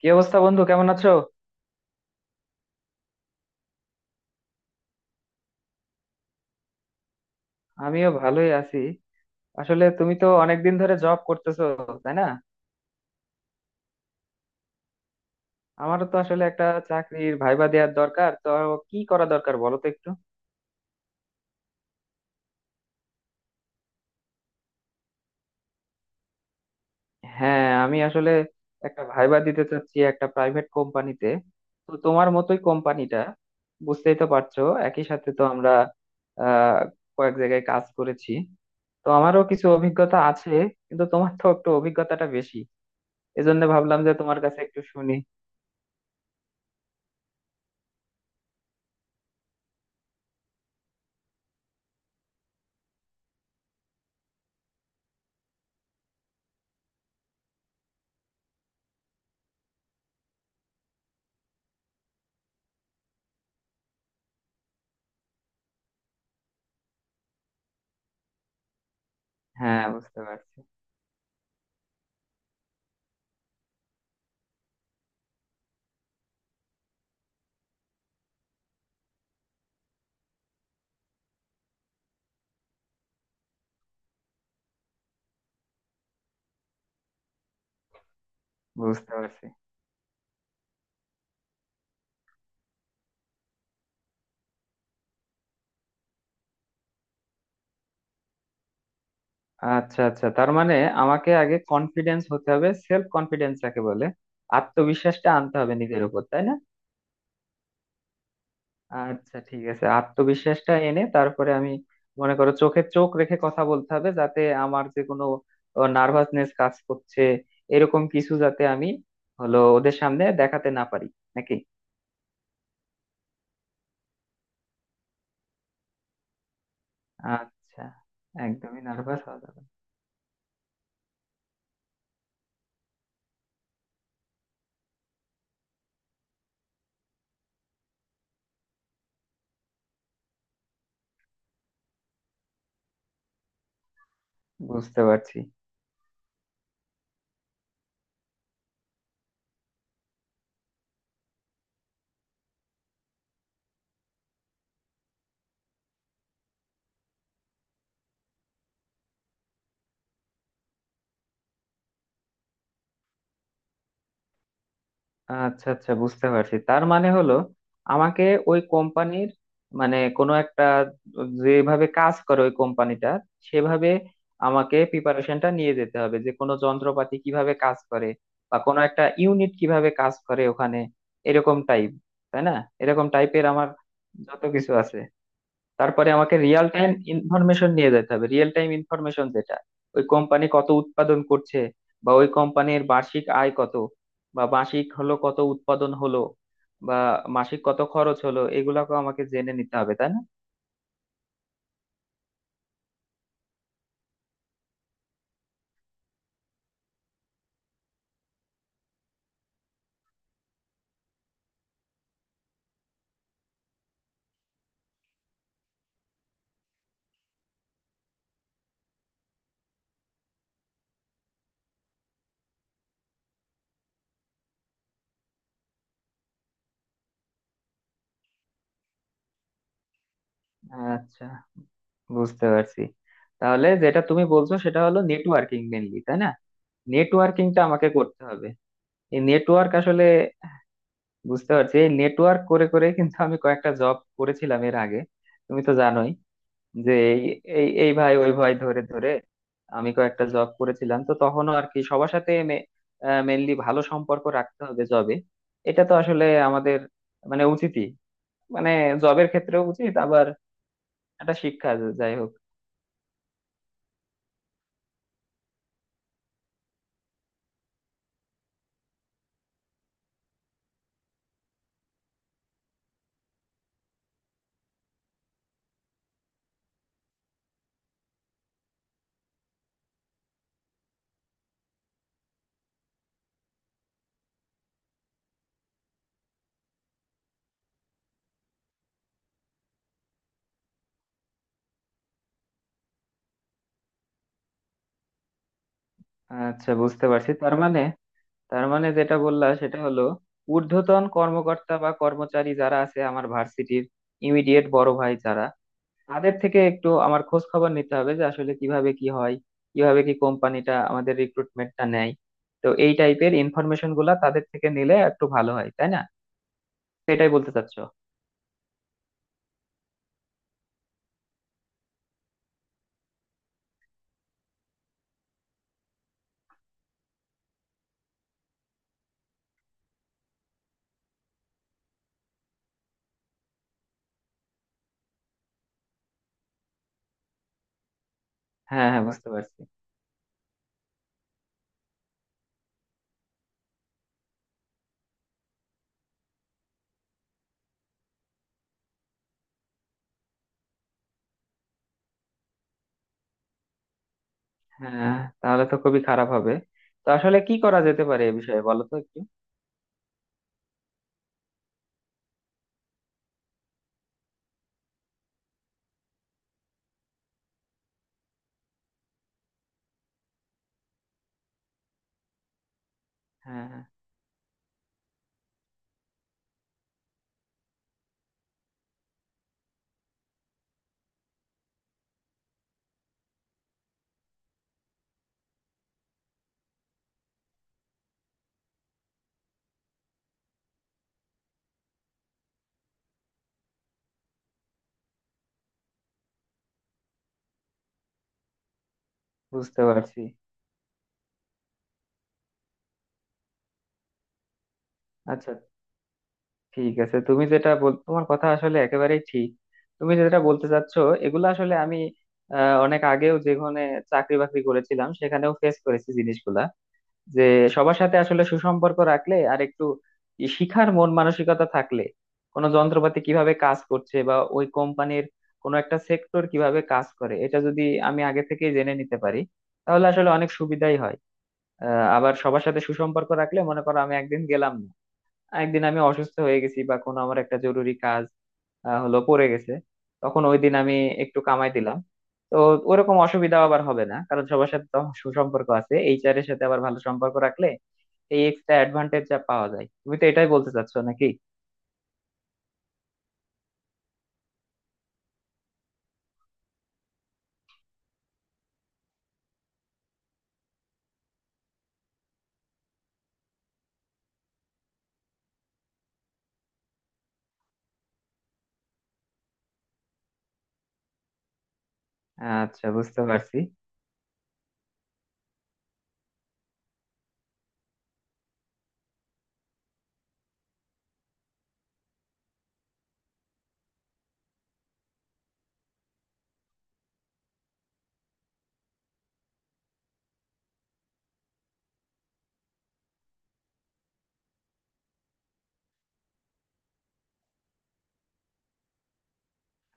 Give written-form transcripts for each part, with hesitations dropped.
কি অবস্থা বন্ধু? কেমন আছো? আমিও ভালোই আছি। আসলে তুমি তো অনেকদিন ধরে জব করতেছো, তাই না? আমারও তো আসলে একটা চাকরির ভাইবা দেওয়ার দরকার তো। কি করা দরকার বলো তো একটু। হ্যাঁ, আমি আসলে একটা ভাইবা দিতে চাচ্ছি একটা প্রাইভেট কোম্পানিতে। তো তোমার মতোই কোম্পানিটা, বুঝতেই তো পারছো। একই সাথে তো আমরা আহ কয়েক জায়গায় কাজ করেছি, তো আমারও কিছু অভিজ্ঞতা আছে। কিন্তু তোমার তো একটু অভিজ্ঞতাটা বেশি, এজন্য ভাবলাম যে তোমার কাছে একটু শুনি। হ্যাঁ, বুঝতে পারছি। বুঝতে পারছি। আচ্ছা আচ্ছা, তার মানে আমাকে আগে কনফিডেন্স হতে হবে, সেলফ কনফিডেন্স যাকে বলে, আত্মবিশ্বাসটা আনতে হবে নিজের উপর, তাই না? আচ্ছা, ঠিক আছে, আত্মবিশ্বাসটা এনে তারপরে আমি মনে করো চোখে চোখ রেখে কথা বলতে হবে, যাতে আমার যে কোনো নার্ভাসনেস কাজ করছে এরকম কিছু যাতে আমি হলো ওদের সামনে দেখাতে না পারি, নাকি? আচ্ছা, একদমই নার্ভাস হওয়া যাবে না। বুঝতে পারছি। আচ্ছা আচ্ছা, বুঝতে পারছি, তার মানে হলো আমাকে ওই কোম্পানির মানে কোনো একটা, যেভাবে কাজ করে ওই কোম্পানিটা সেভাবে আমাকে প্রিপারেশনটা নিয়ে যেতে হবে, যে কোনো যন্ত্রপাতি কিভাবে কাজ করে বা কোনো একটা ইউনিট কিভাবে কাজ করে ওখানে, এরকম টাইপ, তাই না? এরকম টাইপের আমার যত কিছু আছে। তারপরে আমাকে রিয়েল টাইম ইনফরমেশন নিয়ে যেতে হবে, রিয়েল টাইম ইনফরমেশন, যেটা ওই কোম্পানি কত উৎপাদন করছে বা ওই কোম্পানির বার্ষিক আয় কত বা মাসিক হলো কত উৎপাদন হলো বা মাসিক কত খরচ হলো, এগুলাকে আমাকে জেনে নিতে হবে, তাই না? আচ্ছা, বুঝতে পারছি। তাহলে যেটা তুমি বলছো সেটা হলো নেটওয়ার্কিং মেনলি, তাই না? নেটওয়ার্কিংটা আমাকে করতে হবে, এই নেটওয়ার্ক আসলে বুঝতে পারছি। এই নেটওয়ার্ক করে করে কিন্তু আমি কয়েকটা জব করেছিলাম এর আগে, তুমি তো জানোই, যে এই এই এই ভাই ওই ভাই ধরে ধরে আমি কয়েকটা জব করেছিলাম। তো তখনও আর কি সবার সাথে মেনলি ভালো সম্পর্ক রাখতে হবে জবে, এটা তো আসলে আমাদের মানে উচিতই, মানে জবের ক্ষেত্রেও উচিত, আবার একটা শিক্ষা যাই হোক। আচ্ছা, বুঝতে পারছি। তার মানে যেটা বললা সেটা হলো ঊর্ধ্বতন কর্মকর্তা বা কর্মচারী যারা আছে আমার ভার্সিটির ইমিডিয়েট বড় ভাই যারা, তাদের থেকে একটু আমার খোঁজ খবর নিতে হবে, যে আসলে কিভাবে কি হয়, কিভাবে কি কোম্পানিটা আমাদের রিক্রুটমেন্টটা নেয়। তো এই টাইপের ইনফরমেশন গুলা তাদের থেকে নিলে একটু ভালো হয়, তাই না? সেটাই বলতে চাচ্ছো। হ্যাঁ হ্যাঁ, বুঝতে পারছি। হ্যাঁ, তাহলে তো খুবই খারাপ হবে। তো আসলে কি করা যেতে পারে এ বিষয়ে বলো তো একটু। হ্যাঁ হ্যাঁ, বুঝতে পারছি। আচ্ছা ঠিক আছে, তুমি যেটা বল তোমার কথা আসলে একেবারেই ঠিক। তুমি যেটা বলতে চাচ্ছো, এগুলো আসলে আমি অনেক আগেও যেখানে চাকরি বাকরি করেছিলাম সেখানেও ফেস করেছি জিনিসগুলা, যে সবার সাথে আসলে সুসম্পর্ক রাখলে আর একটু ই শিখার মন মানসিকতা থাকলে কোনো যন্ত্রপাতি কিভাবে কাজ করছে বা ওই কোম্পানির কোনো একটা সেক্টর কিভাবে কাজ করে এটা যদি আমি আগে থেকেই জেনে নিতে পারি তাহলে আসলে অনেক সুবিধাই হয়। আবার সবার সাথে সুসম্পর্ক রাখলে মনে করো আমি একদিন গেলাম না, একদিন আমি অসুস্থ হয়ে গেছি বা কোনো আমার একটা জরুরি কাজ হলো পড়ে গেছে, তখন ওই দিন আমি একটু কামাই দিলাম। তো ওরকম অসুবিধা আবার হবে না, কারণ সবার সাথে তো আমার সুসম্পর্ক আছে, এইচআর এর সাথে আবার ভালো সম্পর্ক রাখলে এই এক্সট্রা অ্যাডভান্টেজ যা পাওয়া যায়, তুমি তো এটাই বলতে চাচ্ছ নাকি? আচ্ছা, বুঝতে পারছি।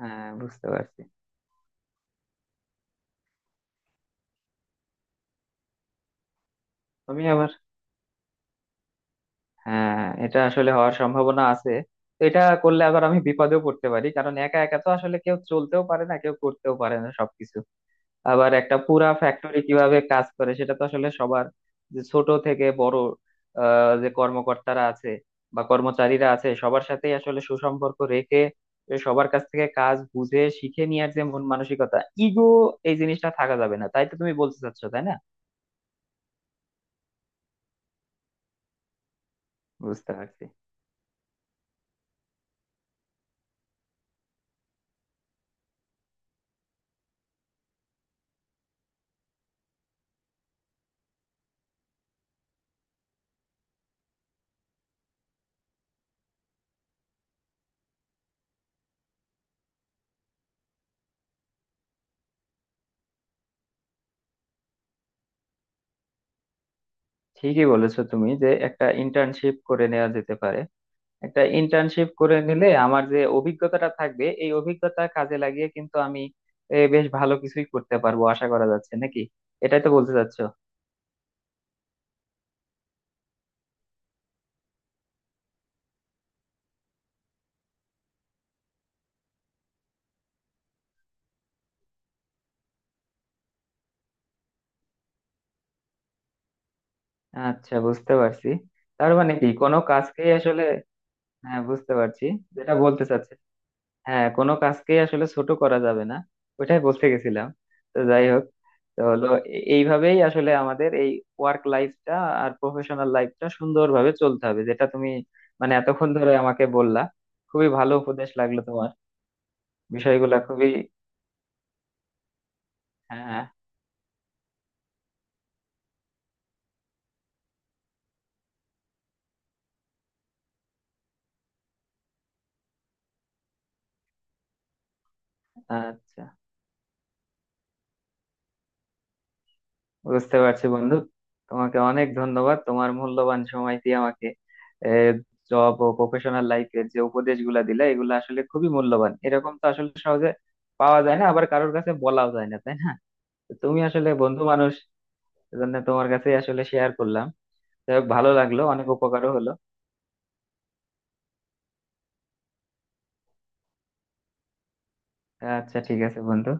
হ্যাঁ, বুঝতে পারছি। আমি আবার, হ্যাঁ, এটা আসলে হওয়ার সম্ভাবনা আছে। তো এটা করলে আবার আমি বিপদেও পড়তে পারি, কারণ একা একা তো আসলে কেউ চলতেও পারে না, কেউ করতেও পারে না সবকিছু। আবার একটা পুরা ফ্যাক্টরি কিভাবে কাজ করে সেটা তো আসলে সবার, যে ছোট থেকে বড় যে কর্মকর্তারা আছে বা কর্মচারীরা আছে সবার সাথেই আসলে সুসম্পর্ক রেখে এ সবার কাছ থেকে কাজ বুঝে শিখে নেওয়ার যে মন মানসিকতা, ইগো এই জিনিসটা থাকা যাবে না, তাই তো তুমি বলতে চাচ্ছো, তাই না? বুঝতে পারছি। ঠিকই বলেছো তুমি, যে একটা ইন্টার্নশিপ করে নেওয়া যেতে পারে। একটা ইন্টার্নশিপ করে নিলে আমার যে অভিজ্ঞতাটা থাকবে, এই অভিজ্ঞতা কাজে লাগিয়ে কিন্তু আমি বেশ ভালো কিছুই করতে পারবো, আশা করা যাচ্ছে নাকি? এটাই তো বলতে চাচ্ছো। আচ্ছা, বুঝতে পারছি। তার মানে কি কোনো কাজকেই আসলে, হ্যাঁ বুঝতে পারছি, যেটা বলতে চাচ্ছি, হ্যাঁ কোনো কাজকেই আসলে ছোট করা যাবে না, ওইটাই বলতে গেছিলাম। তো যাই হোক, তো হলো এইভাবেই আসলে আমাদের এই ওয়ার্ক লাইফটা আর প্রফেশনাল লাইফটা সুন্দরভাবে চলতে হবে, যেটা তুমি মানে এতক্ষণ ধরে আমাকে বললা। খুবই ভালো উপদেশ লাগলো তোমার, বিষয়গুলা খুবই হ্যাঁ আচ্ছা, বুঝতে পারছি বন্ধু। তোমাকে অনেক ধন্যবাদ, তোমার মূল্যবান সময় দিয়ে আমাকে জব ও প্রফেশনাল লাইফের যে উপদেশগুলা দিলে, এগুলো আসলে খুবই মূল্যবান, এরকম তো আসলে সহজে পাওয়া যায় না, আবার কারোর কাছে বলাও যায় না, তাই না? তো তুমি আসলে বন্ধু মানুষ, এজন্য তোমার কাছে আসলে শেয়ার করলাম। যাই হোক, ভালো লাগলো, অনেক উপকারও হলো। আচ্ছা ঠিক আছে বন্ধু।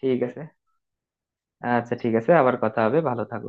ঠিক আছে। আচ্ছা ঠিক আছে, আবার কথা হবে, ভালো থাকো।